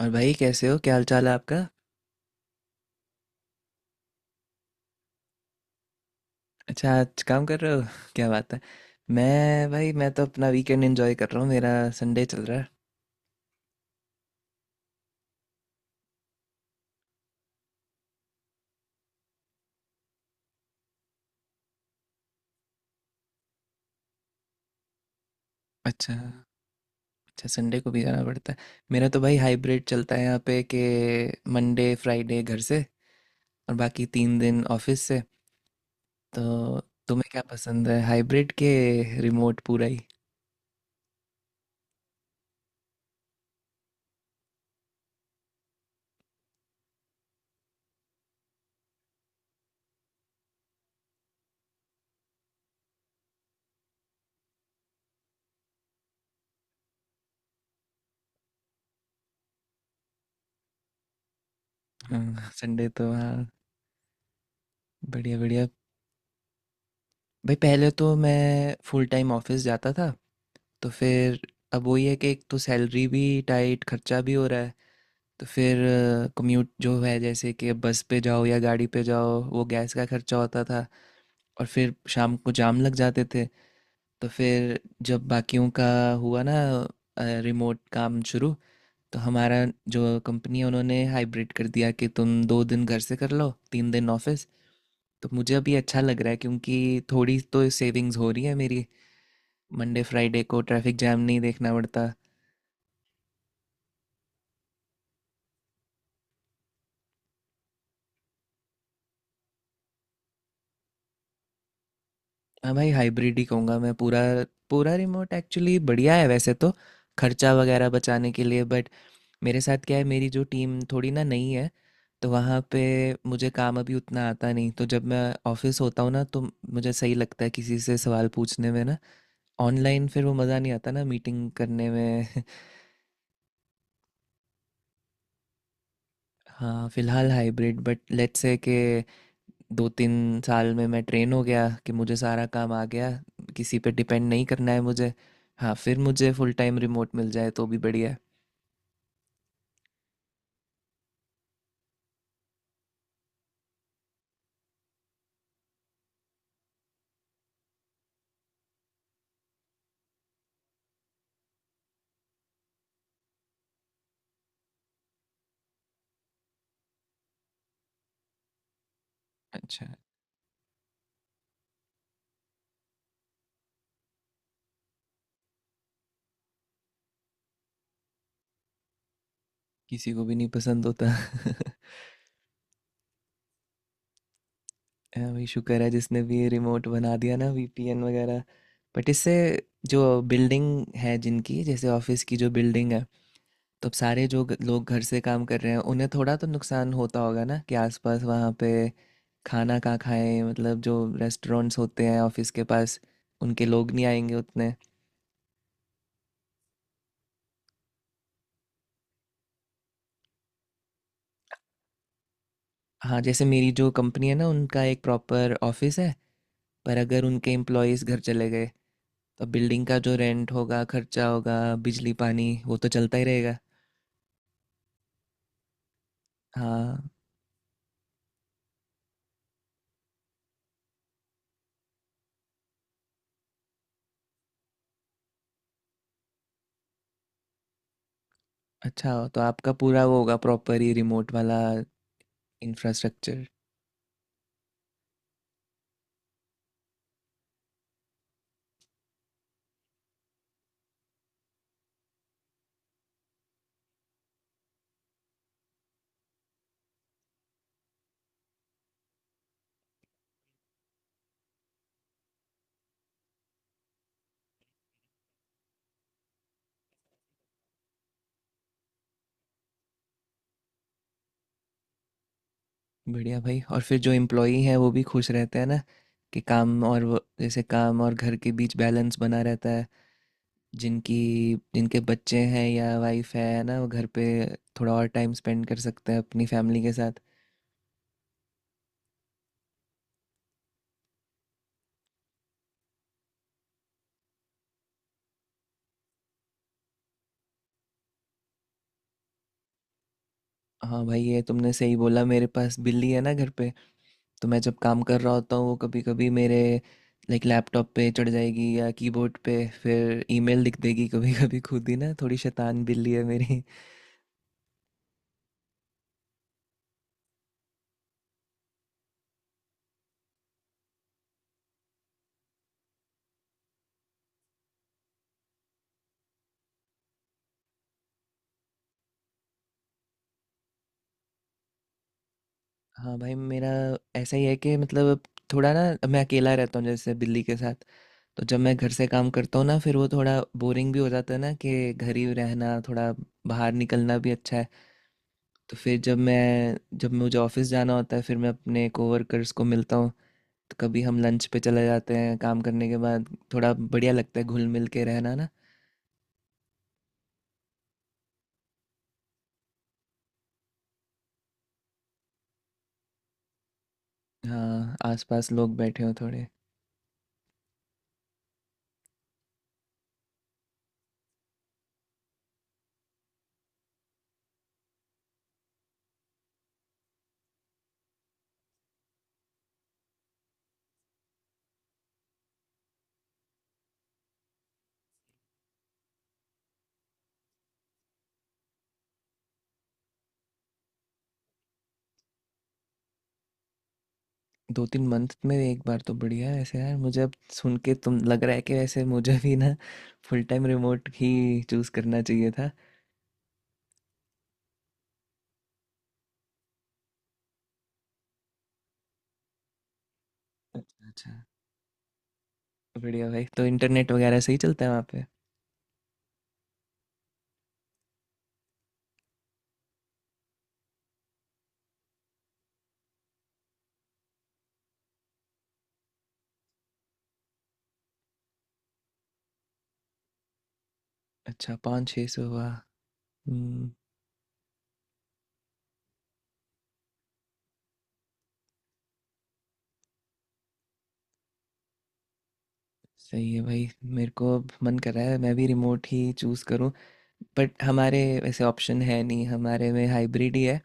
और भाई, कैसे हो? क्या हाल चाल है आपका? अच्छा, आज काम कर रहे हो क्या बात है। मैं भाई, मैं तो अपना वीकेंड एंजॉय कर रहा हूँ। मेरा संडे चल रहा है। अच्छा। अच्छा, संडे को भी जाना पड़ता है। मेरा तो भाई हाइब्रिड चलता है यहाँ पे, कि मंडे फ्राइडे घर से और बाकी 3 दिन ऑफिस से। तो तुम्हें क्या पसंद है, हाइब्रिड के रिमोट पूरा ही? हाँ, संडे तो हाँ। बढ़िया बढ़िया। भाई पहले तो मैं फुल टाइम ऑफिस जाता था। तो फिर अब वही है कि एक तो सैलरी भी टाइट, खर्चा भी हो रहा है। तो फिर कम्यूट जो है, जैसे कि बस पे जाओ या गाड़ी पे जाओ, वो गैस का खर्चा होता था। और फिर शाम को जाम लग जाते थे। तो फिर जब बाकियों का हुआ ना रिमोट काम शुरू, तो हमारा जो कंपनी है उन्होंने हाइब्रिड कर दिया कि तुम 2 दिन घर से कर लो, 3 दिन ऑफिस। तो मुझे अभी अच्छा लग रहा है, क्योंकि थोड़ी तो सेविंग्स हो रही है मेरी। मंडे फ्राइडे को ट्रैफिक जैम नहीं देखना पड़ता। हाँ भाई, हाइब्रिड ही कहूँगा मैं पूरा। पूरा रिमोट एक्चुअली बढ़िया है वैसे तो, खर्चा वगैरह बचाने के लिए, बट मेरे साथ क्या है, मेरी जो टीम थोड़ी ना नई है। तो वहाँ पे मुझे काम अभी उतना आता नहीं, तो जब मैं ऑफिस होता हूँ ना, तो मुझे सही लगता है किसी से सवाल पूछने में ना। ऑनलाइन फिर वो मज़ा नहीं आता ना मीटिंग करने में हाँ फिलहाल हाइब्रिड, बट लेट्स से के 2-3 साल में मैं ट्रेन हो गया कि मुझे सारा काम आ गया, किसी पे डिपेंड नहीं करना है मुझे, हाँ फिर मुझे फुल टाइम रिमोट मिल जाए तो भी बढ़िया है। अच्छा। किसी को भी नहीं पसंद होता हाँ, भाई शुक्र है जिसने भी ये रिमोट बना दिया ना, वीपीएन वगैरह। बट इससे जो बिल्डिंग है जिनकी, जैसे ऑफिस की जो बिल्डिंग है, तो अब सारे जो लोग घर से काम कर रहे हैं उन्हें थोड़ा तो नुकसान होता होगा ना कि आसपास वहाँ पे खाना कहाँ खाएं, मतलब जो रेस्टोरेंट्स होते हैं ऑफिस के पास, उनके लोग नहीं आएंगे उतने। हाँ जैसे मेरी जो कंपनी है ना, उनका एक प्रॉपर ऑफिस है। पर अगर उनके एम्प्लॉयज़ घर चले गए, तो बिल्डिंग का जो रेंट होगा, खर्चा होगा, बिजली पानी वो तो चलता ही रहेगा। हाँ। अच्छा, तो आपका पूरा वो होगा प्रॉपर ही रिमोट वाला? इंफ्रास्ट्रक्चर। बढ़िया भाई, और फिर जो एम्प्लॉई हैं वो भी खुश रहते हैं ना, कि काम और वो, जैसे काम और घर के बीच बैलेंस बना रहता है। जिनकी जिनके बच्चे हैं या वाइफ है ना, वो घर पे थोड़ा और टाइम स्पेंड कर सकते हैं अपनी फैमिली के साथ। हाँ भाई ये तुमने सही बोला, मेरे पास बिल्ली है ना घर पे। तो मैं जब काम कर रहा होता हूँ, वो कभी कभी मेरे लाइक लैपटॉप पे चढ़ जाएगी या कीबोर्ड पे, फिर ईमेल लिख देगी कभी कभी खुद ही ना, थोड़ी शैतान बिल्ली है मेरी। हाँ भाई मेरा ऐसा ही है, कि मतलब अब थोड़ा ना मैं अकेला रहता हूँ जैसे, बिल्ली के साथ। तो जब मैं घर से काम करता हूँ ना, फिर वो थोड़ा बोरिंग भी हो जाता है ना कि घर ही रहना, थोड़ा बाहर निकलना भी अच्छा है। तो फिर जब मुझे ऑफिस जाना होता है, फिर मैं अपने कोवर्कर्स को मिलता हूँ, तो कभी हम लंच पे चले जाते हैं काम करने के बाद। थोड़ा बढ़िया लगता है घुल मिल के रहना ना। हाँ, आसपास लोग बैठे हों थोड़े। 2-3 मंथ में एक बार तो बढ़िया है ऐसे। यार मुझे अब सुन के तुम, लग रहा है कि वैसे मुझे भी ना फुल टाइम रिमोट ही चूज़ करना चाहिए था। अच्छा अच्छा। बढ़िया भाई, तो इंटरनेट वगैरह सही चलता है वहाँ पे? अच्छा, 500-600 हुआ? हम्म। सही है भाई, मेरे को अब मन कर रहा है मैं भी रिमोट ही चूज़ करूँ। बट हमारे वैसे ऑप्शन है नहीं, हमारे में हाइब्रिड ही है।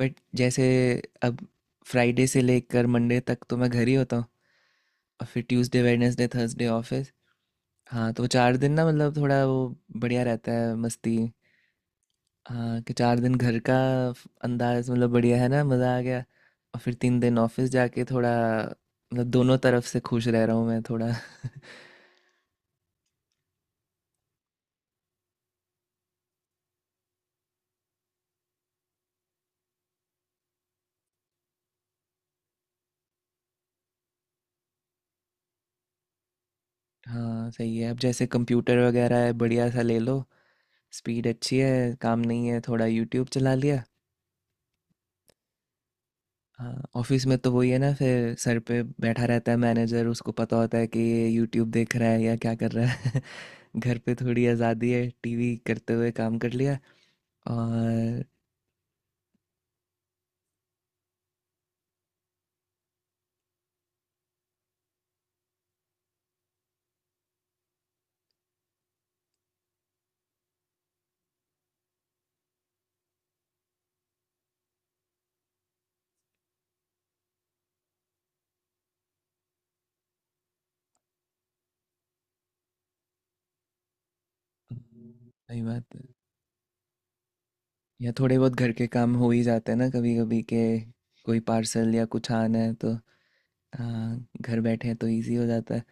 बट जैसे अब फ्राइडे से लेकर मंडे तक तो मैं घर ही होता हूँ, और फिर ट्यूसडे वेडनेसडे थर्सडे ऑफिस। हाँ तो 4 दिन ना मतलब थोड़ा वो बढ़िया रहता है, मस्ती। हाँ कि 4 दिन घर का अंदाज, मतलब बढ़िया है ना, मज़ा आ गया। और फिर 3 दिन ऑफिस जाके थोड़ा, मतलब दोनों तरफ से खुश रह रहा हूँ मैं थोड़ा। हाँ सही है, अब जैसे कंप्यूटर वगैरह है बढ़िया सा ले लो, स्पीड अच्छी है, काम नहीं है थोड़ा यूट्यूब चला लिया। हाँ, ऑफिस में तो वही है ना, फिर सर पे बैठा रहता है मैनेजर, उसको पता होता है कि ये यूट्यूब देख रहा है या क्या कर रहा है घर पे थोड़ी आज़ादी है, टीवी करते हुए काम कर लिया। और सही बात है। या थोड़े बहुत घर के काम हो ही जाते हैं ना कभी कभी के, कोई पार्सल या कुछ आना है तो। हाँ घर बैठे हैं तो इजी हो जाता है।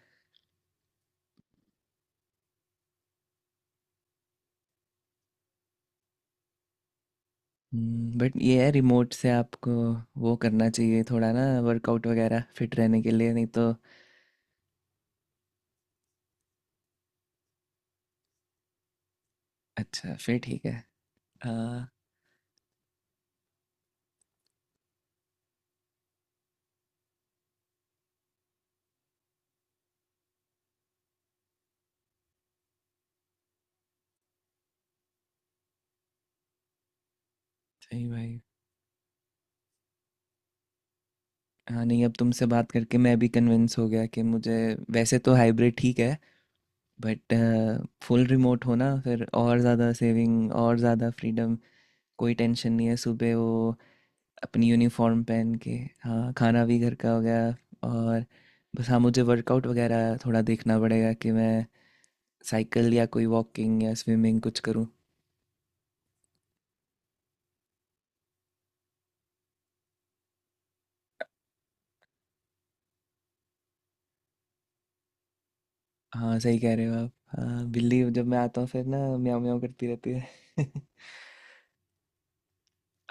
बट ये है, रिमोट से आपको वो करना चाहिए थोड़ा ना, वर्कआउट वगैरह, फिट रहने के लिए, नहीं तो। अच्छा फिर ठीक है। हाँ सही भाई। हाँ नहीं, अब तुमसे बात करके मैं भी कन्विंस हो गया कि मुझे, वैसे तो हाइब्रिड ठीक है, बट फुल रिमोट हो ना, फिर और ज़्यादा सेविंग और ज़्यादा फ्रीडम। कोई टेंशन नहीं है सुबह वो अपनी यूनिफॉर्म पहन के। हाँ, खाना भी घर का हो गया। और बस, हाँ मुझे वर्कआउट वगैरह थोड़ा देखना पड़ेगा कि मैं साइकिल या कोई वॉकिंग या स्विमिंग कुछ करूँ। हाँ सही कह रहे हो आप। हाँ, बिल्ली जब मैं आता हूँ फिर ना, म्याऊं म्याऊं करती रहती है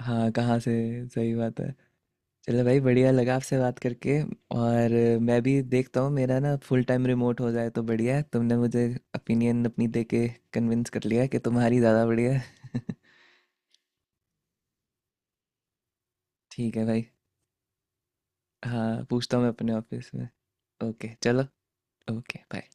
हाँ, कहाँ से? सही बात है। चलो भाई, बढ़िया लगा आपसे बात करके। और मैं भी देखता हूँ, मेरा ना फुल टाइम रिमोट हो जाए तो बढ़िया है, तुमने मुझे ओपिनियन अपनी दे के कन्विंस कर लिया कि तुम्हारी ज़्यादा बढ़िया है ठीक है भाई। हाँ पूछता हूँ मैं अपने ऑफिस में। ओके चलो। Okay bye.